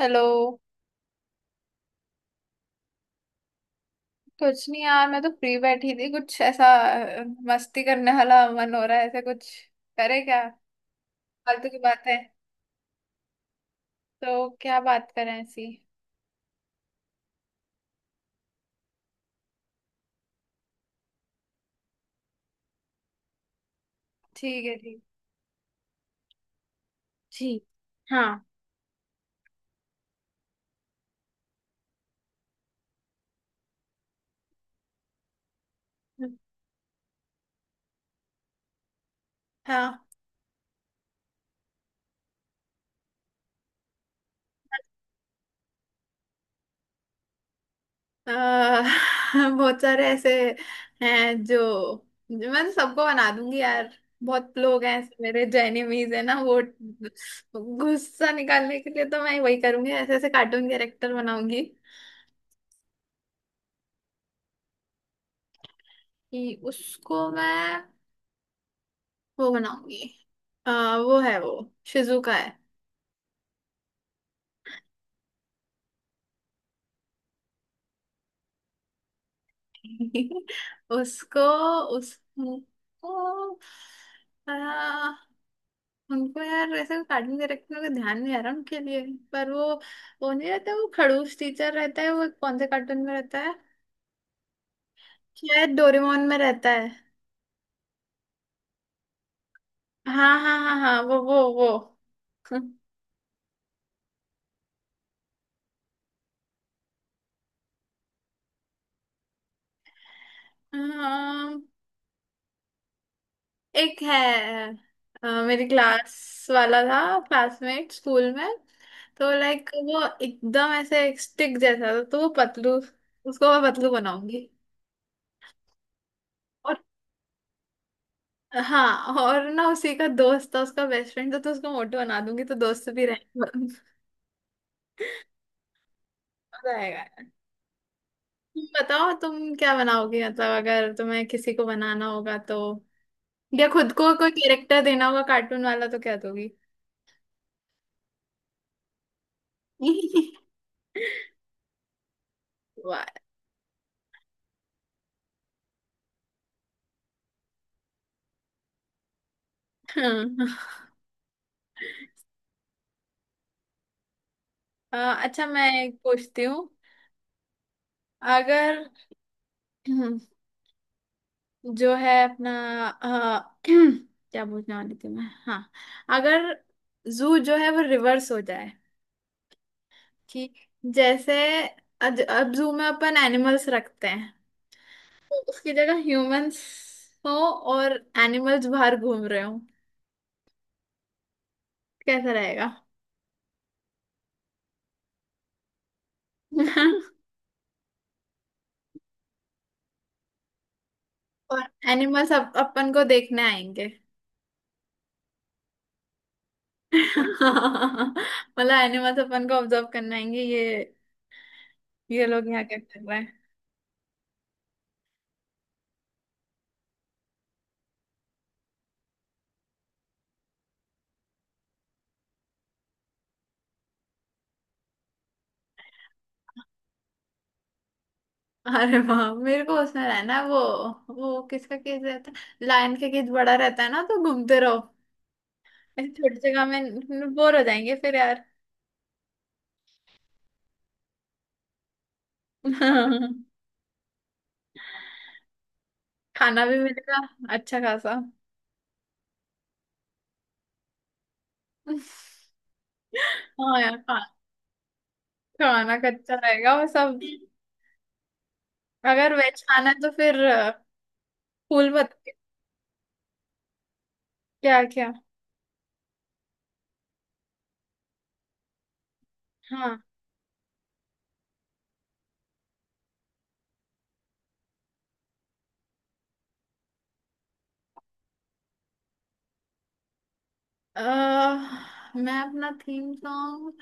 Hello. कुछ नहीं यार, मैं तो फ्री बैठी थी। कुछ ऐसा अ, मस्ती करने वाला मन हो रहा है। ऐसा कुछ करे क्या? फालतू की बात है। तो क्या बात करें ऐसी? ठीक है, ठीक ठीक। हाँ। हाँ, अ, बहुत सारे ऐसे हैं जो जो मैं तो सबको बना दूंगी यार। बहुत लोग हैं ऐसे मेरे जो एनिमीज है ना, वो गुस्सा निकालने के लिए तो मैं वही करूंगी, ऐसे ऐसे कार्टून कैरेक्टर बनाऊंगी। कि उसको मैं वो बनाऊंगी। वो है, वो शिजुका है। उसको उस उनको, आ, उनको यार ऐसे कार्टून कैरेक्टर का ध्यान नहीं आ रहा उनके लिए। पर वो नहीं रहता, वो खड़ूस टीचर रहता है। वो कौन से कार्टून में रहता है? शायद डोरेमोन में रहता है। हाँ हाँ हाँ हाँ, वो हाँ, एक है। मेरी क्लास वाला था, क्लासमेट स्कूल में। तो लाइक वो एकदम ऐसे एक स्टिक जैसा था, तो वो पतलू। उसको मैं पतलू बनाऊंगी। और हाँ, और ना उसी का दोस्त था, उसका बेस्ट फ्रेंड था, तो उसको मोटू बना दूंगी, तो दोस्त भी रहेगा मजा आएगा। तुम बताओ, तुम क्या बनाओगी? मतलब अगर तुम्हें किसी को बनाना होगा तो, या खुद को कोई कैरेक्टर देना होगा कार्टून वाला, तो क्या दोगी? वाह। हाँ। अ, अच्छा, मैं एक पूछती हूँ। अगर जो है अपना, अ, क्या बोलने वाली थी मैं, हाँ। अगर जू जो है वो रिवर्स हो जाए, कि जैसे अब जू में अपन एनिमल्स रखते हैं, तो उसकी जगह ह्यूमंस हो और एनिमल्स बाहर घूम रहे हो। कैसा रहेगा? और एनिमल्स अपन को देखने आएंगे। मतलब एनिमल्स अपन को ऑब्जर्व करने आएंगे, ये लोग यहाँ क्या कर रहे हैं। अरे वाह, मेरे को उसमें रहना है। वो किसका केस रहता है, लायन का केस बड़ा रहता है ना, तो घूमते रहो। ऐसे छोटी जगह में बोर हो जाएंगे फिर यार। खाना भी मिलेगा अच्छा खासा। हाँ यार, खाना कच्चा रहेगा और सब। अगर वेज खाना है तो फिर फूल बत। क्या क्या? हाँ, अ, मैं अपना थीम सॉन्ग,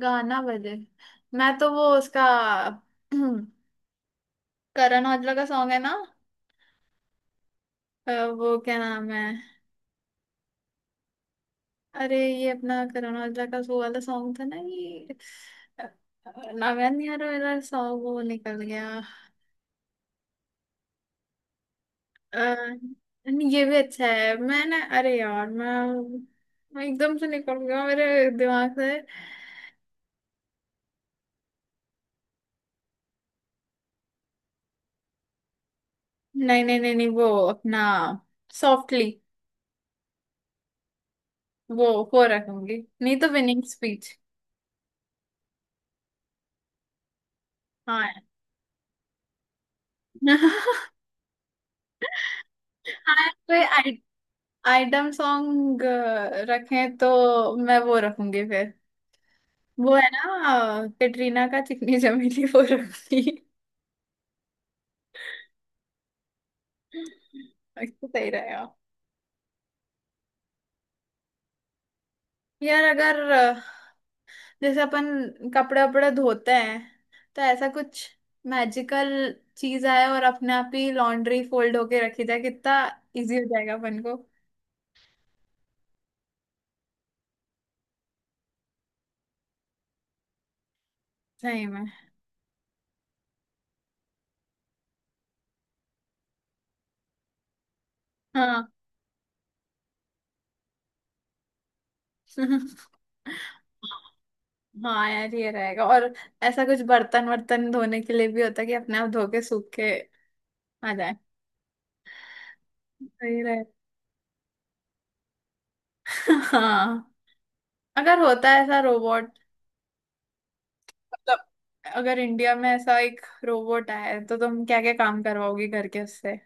गाना बजे, मैं तो वो उसका करण औजला का सॉन्ग है ना। अ, वो क्या नाम है? अरे ये अपना करण औजला का वो वाला सॉन्ग था ना ये, अ, नागान। यार मेरा सॉन्ग वो निकल गया। नहीं, ये भी अच्छा है। मैं ना अरे यार मैं एकदम से निकल गया मेरे दिमाग से। नहीं नहीं नहीं नहीं, वो अपना सॉफ्टली, वो वो रखूंगी। नहीं तो विनिंग स्पीच। हाँ हाँ, कोई आइटम सॉन्ग रखें तो मैं वो रखूंगी फिर। वो है ना कैटरीना का, चिकनी चमेली, वो रखी। अच्छा, सही रहेगा। यार अगर जैसे अपन कपड़े वपड़े धोते हैं, तो ऐसा कुछ मैजिकल चीज आए और अपने आप ही लॉन्ड्री फोल्ड होके रखी जाए, कितना इजी हो जाएगा अपन को। सही में। हाँ हाँ यार, ये रहेगा। और ऐसा कुछ बर्तन वर्तन धोने के लिए भी होता है कि अपने आप धो के सूख के आ जाए। सही रहेगा। हाँ, अगर होता है ऐसा रोबोट, मतलब अगर इंडिया में ऐसा एक रोबोट आए तो तुम क्या क्या काम करवाओगी घर के उससे?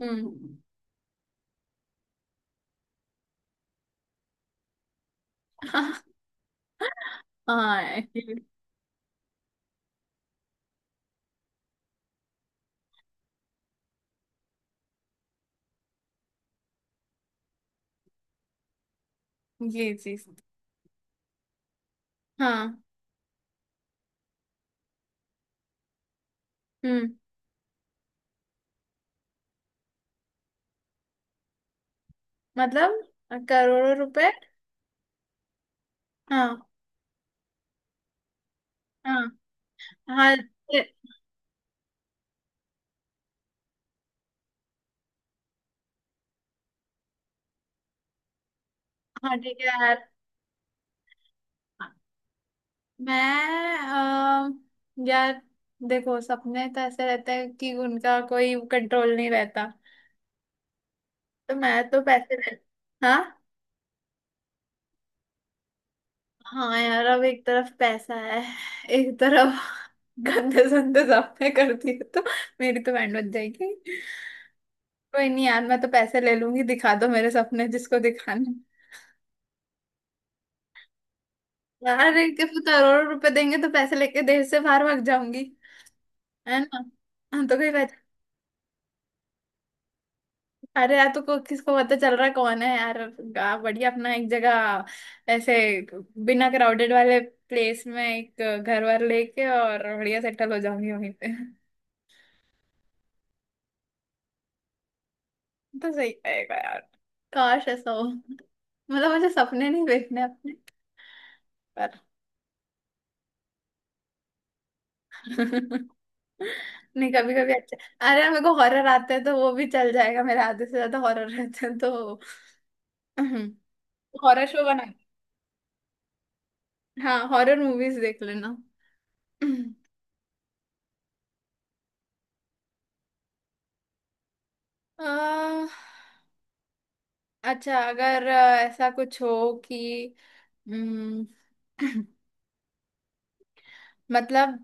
हम्म हाँ, ये ये चीज। हाँ। हम्म, मतलब करोड़ों रुपए? हाँ। हाँ। हाँ। ये-। हाँ ठीक है यार। मैं, यार देखो, सपने तो ऐसे रहते हैं कि उनका कोई कंट्रोल नहीं रहता, तो मैं तो पैसे ले। हाँ। हाँ यार, अब एक तरफ पैसा है, एक तरफ गंदे संदे सपने कर दिए तो मेरी तो बैंड बज जाएगी। कोई नहीं यार, मैं तो पैसे ले लूंगी, दिखा दो मेरे सपने जिसको दिखाने। यार एक तो करोड़ों रुपए देंगे, तो पैसे लेके देश से बाहर भाग जाऊंगी। है ना? हाँ, तो कोई पहचान। अरे यार, तो किसको पता चल रहा है कौन है यार। बढ़िया अपना एक जगह ऐसे बिना क्राउडेड वाले प्लेस में, एक घर वर लेके और बढ़िया सेटल हो जाऊंगी वहीं पे। तो सही रहेगा यार। काश ऐसा हो, मतलब मुझे सपने नहीं देखने अपने पर। नहीं, कभी कभी अच्छा। अरे यार, मेरे को हॉरर आते हैं तो वो भी चल जाएगा, मेरे आधे से ज्यादा हॉरर रहते हैं तो हॉरर शो बना। हाँ, हॉरर मूवीज देख लेना। अह, अच्छा अगर ऐसा कुछ हो कि, हम्म, मतलब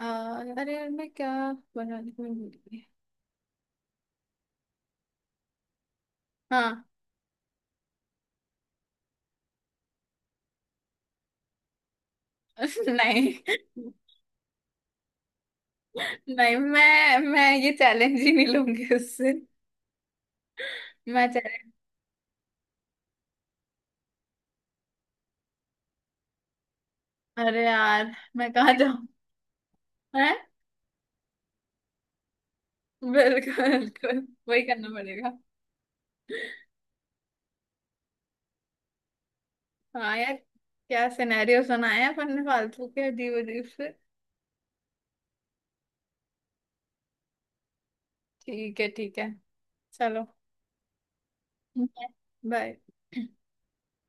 अरे यार, मैं क्या बनाने को भूल गई। हाँ। नहीं नहीं, मैं ये चैलेंज ही नहीं लूंगी उससे। मैं चैलेंज। अरे यार मैं कहाँ जाऊँ। है। बिल्कुल बिल्कुल, वही करना पड़ेगा। हाँ यार, क्या सिनेरियो सुनाया अपन ने फालतू के अजीब अजीब से। ठीक है ठीक है, चलो। बाय।